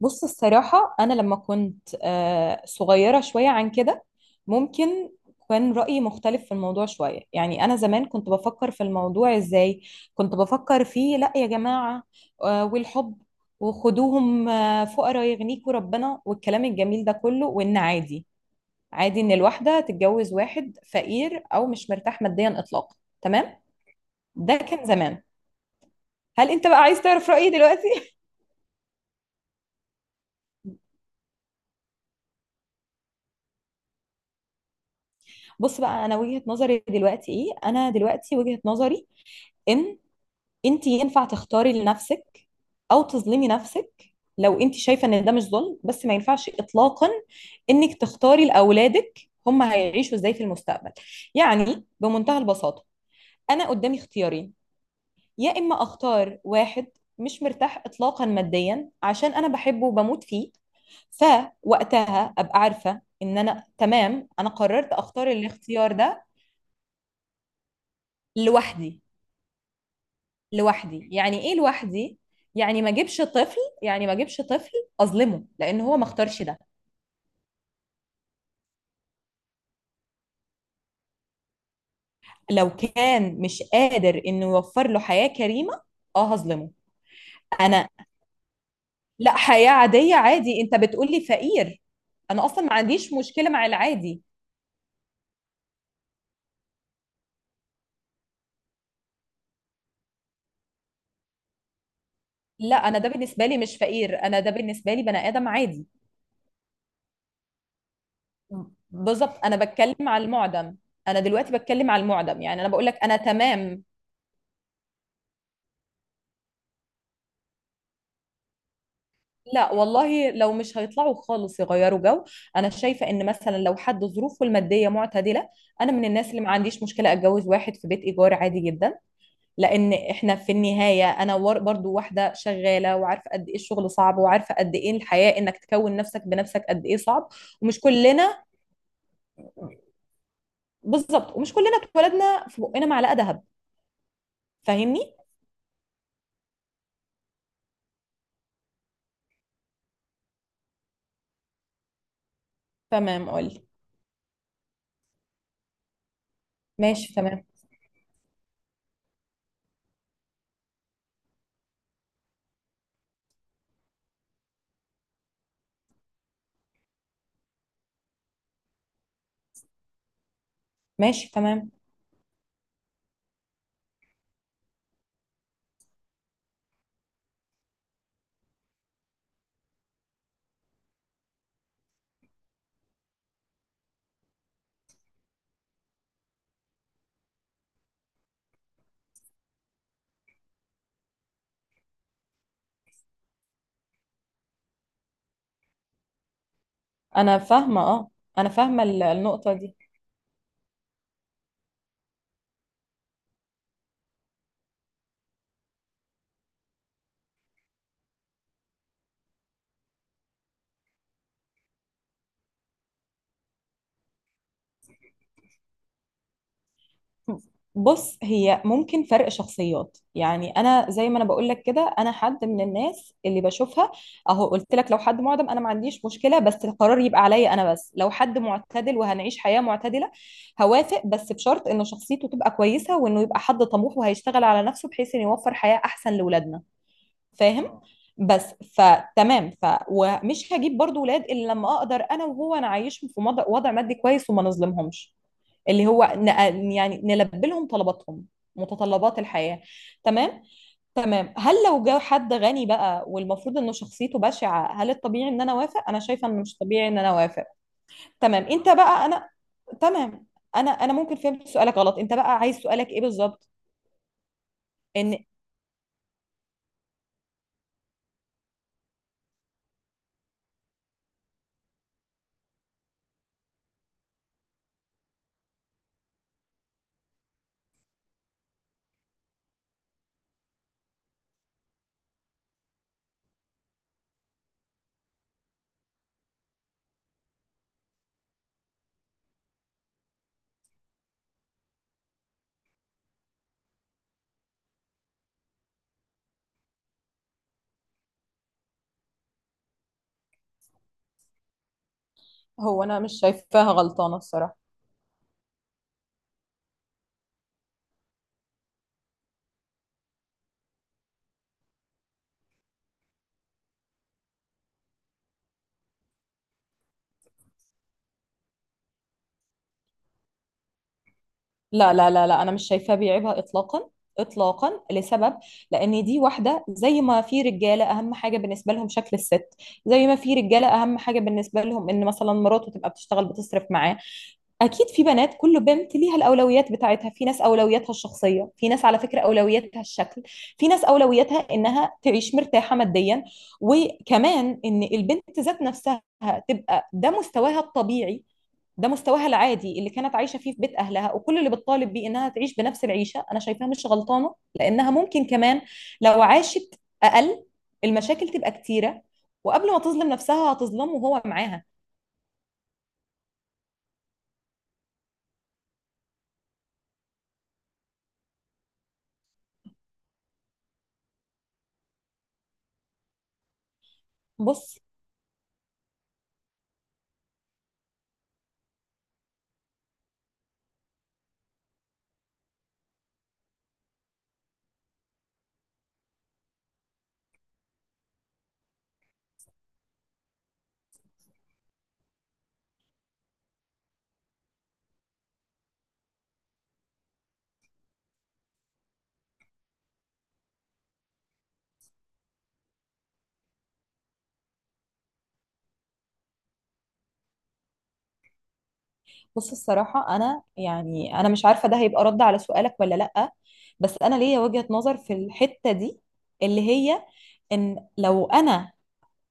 بص، الصراحة أنا لما كنت صغيرة شوية عن كده، ممكن كان رأيي مختلف في الموضوع شوية. يعني أنا زمان كنت بفكر في الموضوع إزاي؟ كنت بفكر فيه لأ يا جماعة، والحب، وخدوهم فقراء يغنيكوا ربنا والكلام الجميل ده كله. وإن عادي، عادي إن الواحدة تتجوز واحد فقير أو مش مرتاح ماديا إطلاقا. تمام. ده كان زمان. هل أنت بقى عايز تعرف رأيي دلوقتي؟ بص بقى، أنا وجهة نظري دلوقتي إيه؟ أنا دلوقتي وجهة نظري ان انت ينفع تختاري لنفسك او تظلمي نفسك لو انت شايفه ان ده مش ظلم. بس ما ينفعش اطلاقا انك تختاري لاولادك هم هيعيشوا ازاي في المستقبل. يعني بمنتهى البساطه، انا قدامي اختيارين. يا اما اختار واحد مش مرتاح اطلاقا ماديا عشان انا بحبه وبموت فيه، فوقتها ابقى عارفه ان انا تمام، انا قررت اختار الاختيار ده لوحدي. لوحدي يعني ايه لوحدي؟ يعني ما اجيبش طفل، يعني ما اجيبش طفل اظلمه لان هو ما اختارش ده. لو كان مش قادر انه يوفر له حياة كريمة، اه هظلمه. انا، لا حياة عادية عادي، انت بتقولي فقير. انا اصلا ما عنديش مشكلة مع العادي. لا، انا ده بالنسبة لي مش فقير، انا ده بالنسبة لي بني ادم عادي. بالظبط، انا بتكلم على المعدم، انا دلوقتي بتكلم على المعدم. يعني انا بقول لك انا تمام. لا والله، لو مش هيطلعوا خالص يغيروا جو، انا شايفه ان مثلا لو حد ظروفه الماديه معتدله، انا من الناس اللي ما عنديش مشكله اتجوز واحد في بيت ايجار عادي جدا. لان احنا في النهايه، انا برضو واحده شغاله وعارفه قد ايه الشغل صعب وعارفه قد ايه الحياه انك تكون نفسك بنفسك قد ايه صعب. ومش كلنا، بالظبط ومش كلنا اتولدنا في بقنا معلقه ذهب. فاهمني؟ تمام، قولي. ماشي تمام. ماشي تمام، انا فاهمه اه. انا فاهمه النقطه دي. بص، هي ممكن فرق شخصيات. يعني انا زي ما انا بقول لك كده، انا حد من الناس اللي بشوفها، اهو قلت لك لو حد معدم انا ما عنديش مشكله بس القرار يبقى عليا انا. بس لو حد معتدل وهنعيش حياه معتدله، هوافق بس بشرط ان شخصيته تبقى كويسه وانه يبقى حد طموح وهيشتغل على نفسه بحيث انه يوفر حياه احسن لاولادنا. فاهم؟ اه. بس، فتمام. ومش هجيب برضو ولاد الا لما اقدر انا وهو نعيشهم في وضع مادي كويس وما نظلمهمش، اللي هو يعني نلبي لهم طلباتهم، متطلبات الحياة. تمام. تمام، هل لو جه حد غني بقى والمفروض انه شخصيته بشعة، هل الطبيعي ان انا اوافق؟ انا شايفة انه مش طبيعي ان انا اوافق. تمام، انت بقى، انا تمام. انا ممكن فهمت سؤالك غلط. انت بقى عايز سؤالك ايه بالظبط؟ ان، هو انا مش شايفاها غلطانة الصراحة. لا لا لا لا انا مش شايفاه بيعيبها اطلاقا، اطلاقا لسبب. لان دي واحده زي ما في رجاله اهم حاجه بالنسبه لهم شكل الست، زي ما في رجاله اهم حاجه بالنسبه لهم ان مثلا مراته تبقى بتشتغل بتصرف معاه. اكيد في بنات، كل بنت ليها الاولويات بتاعتها، في ناس اولوياتها الشخصيه، في ناس على فكره اولوياتها الشكل، في ناس اولوياتها انها تعيش مرتاحه ماديا. وكمان ان البنت ذات نفسها تبقى ده مستواها الطبيعي، ده مستواها العادي اللي كانت عايشه فيه في بيت اهلها، وكل اللي بتطالب بيه انها تعيش بنفس العيشه، انا شايفاها مش غلطانه. لانها ممكن كمان لو عاشت اقل، المشاكل تبقى كتيره، وقبل ما تظلم نفسها هتظلمه وهو معاها. بص بص الصراحه، انا يعني انا مش عارفه ده هيبقى رد على سؤالك ولا لا، بس انا ليا وجهه نظر في الحته دي، اللي هي ان لو انا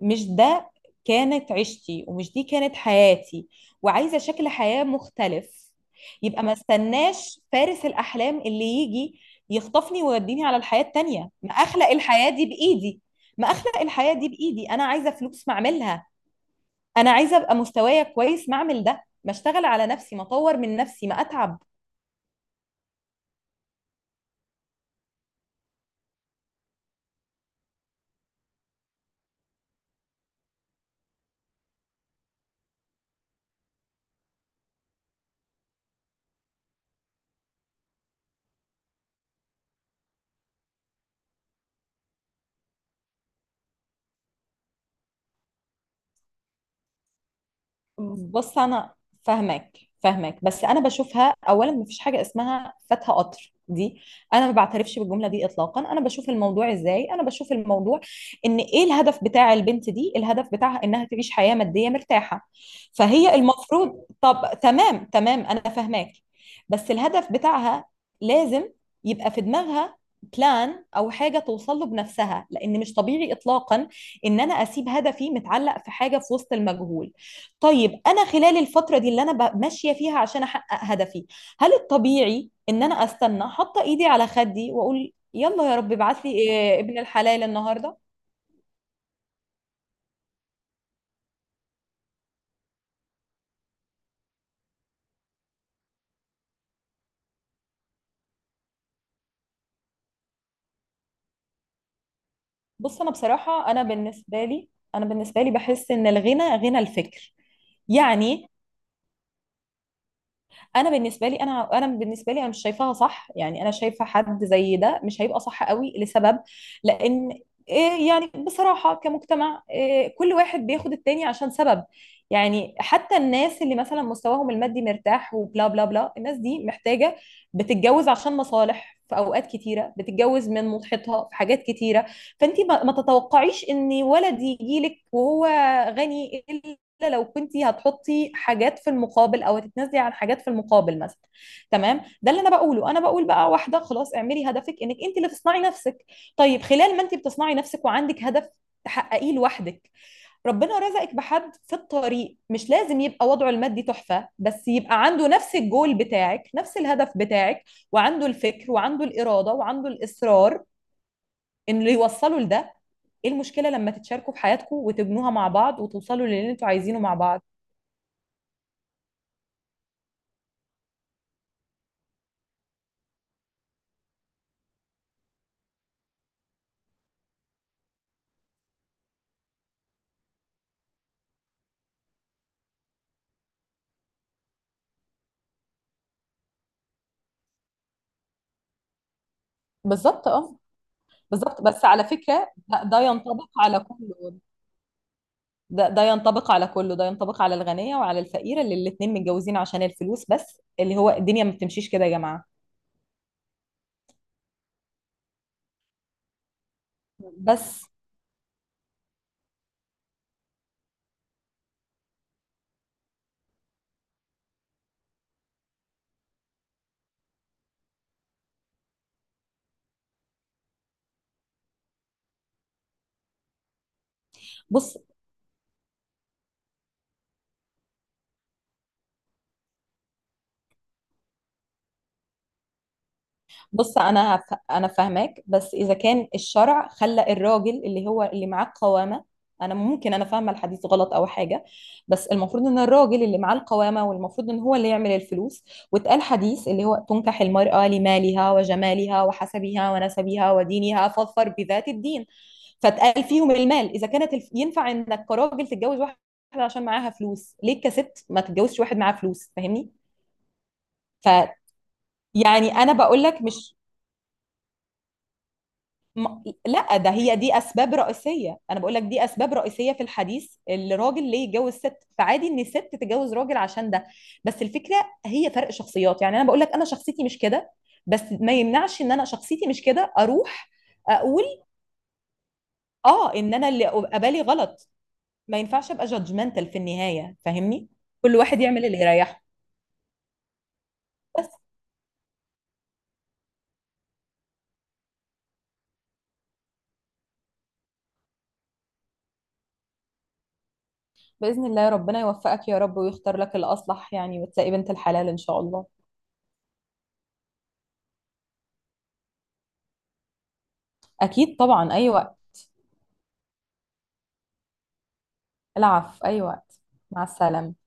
مش ده كانت عيشتي ومش دي كانت حياتي، وعايزة شكل حياة مختلف، يبقى ما استناش فارس الأحلام اللي يجي يخطفني ويوديني على الحياة التانية. ما أخلق الحياة دي بإيدي. ما أخلق الحياة دي بإيدي. أنا عايزة فلوس، ما أعملها. أنا عايزة أبقى مستوايا كويس، ما أعمل ده، ما أشتغل على نفسي، ما أطور من نفسي، ما أتعب. بص انا فاهمك فاهمك بس انا بشوفها اولا مفيش حاجه اسمها فاتها قطر دي، انا ما بعترفش بالجمله دي اطلاقا. انا بشوف الموضوع ازاي؟ انا بشوف الموضوع ان ايه الهدف بتاع البنت دي؟ الهدف بتاعها انها تعيش حياه ماديه مرتاحه. فهي المفروض، طب تمام تمام انا فاهماك. بس الهدف بتاعها لازم يبقى في دماغها بلان او حاجه توصل له بنفسها. لان مش طبيعي اطلاقا ان انا اسيب هدفي متعلق في حاجه في وسط المجهول. طيب انا خلال الفتره دي اللي انا ماشيه فيها عشان احقق هدفي، هل الطبيعي ان انا استنى حاطه ايدي على خدي واقول يلا يا رب ابعت لي إيه ابن الحلال النهارده؟ بص انا بصراحه، انا بالنسبه لي، انا بالنسبه لي بحس ان الغنى غنى الفكر. يعني انا بالنسبه لي، انا بالنسبه لي انا مش شايفاها صح. يعني انا شايفه حد زي ده مش هيبقى صح قوي لسبب. لان إيه؟ يعني بصراحه كمجتمع، إيه؟ كل واحد بياخد التاني عشان سبب. يعني حتى الناس اللي مثلا مستواهم المادي مرتاح وبلا بلا بلا، الناس دي محتاجه، بتتجوز عشان مصالح في اوقات كتيره، بتتجوز من مضحيتها في حاجات كتيره. فانت ما ما تتوقعيش ان ولد يجي لك وهو غني الا لو كنتي هتحطي حاجات في المقابل او هتتنازلي عن حاجات في المقابل مثلا. تمام، ده اللي انا بقوله. انا بقول بقى واحده خلاص اعملي هدفك، انك انت اللي تصنعي نفسك. طيب خلال ما انت بتصنعي نفسك وعندك هدف تحققيه لوحدك، ربنا رزقك بحد في الطريق، مش لازم يبقى وضعه المادي تحفة بس يبقى عنده نفس الجول بتاعك، نفس الهدف بتاعك، وعنده الفكر وعنده الإرادة وعنده الإصرار إنه يوصله لده. ايه المشكلة لما تتشاركوا في حياتكم وتبنوها مع بعض وتوصلوا للي انتوا عايزينه مع بعض؟ بالظبط اه، بالظبط. بس على فكرة ده ينطبق على كله، ده ينطبق على كله. ده ينطبق على الغنية وعلى الفقيرة اللي الاتنين متجوزين عشان الفلوس بس، اللي هو الدنيا ما بتمشيش كده يا جماعة. بس، بص بص انا انا فاهماك. بس اذا كان الشرع خلى الراجل اللي هو اللي معاه القوامه، انا ممكن انا فاهمه الحديث غلط او حاجه، بس المفروض ان الراجل اللي معاه القوامه، والمفروض ان هو اللي يعمل الفلوس. واتقال حديث اللي هو تنكح المرأة لمالها وجمالها وحسبها ونسبها ودينها فاظفر بذات الدين. فاتقال فيهم المال. اذا كانت ينفع انك كراجل تتجوز واحده عشان معاها فلوس، ليه كست ما تتجوزش واحد معاه فلوس؟ فاهمني؟ ف... يعني انا بقول لك مش، لا ده هي دي اسباب رئيسيه، انا بقول لك دي اسباب رئيسيه في الحديث الراجل ليه يتجوز ست. فعادي ان الست تتجوز راجل عشان ده. بس الفكره هي فرق شخصيات. يعني انا بقول لك انا شخصيتي مش كده، بس ما يمنعش ان انا شخصيتي مش كده اروح اقول اه ان انا اللي أبقى بالي غلط. ما ينفعش ابقى جادجمنتال في النهايه. فاهمني؟ كل واحد يعمل اللي يريحه. بس باذن الله، ربنا يوفقك يا رب ويختار لك الاصلح يعني وتلاقي بنت الحلال ان شاء الله. اكيد طبعا، ايوه. العفو، أي وقت. مع السلامة.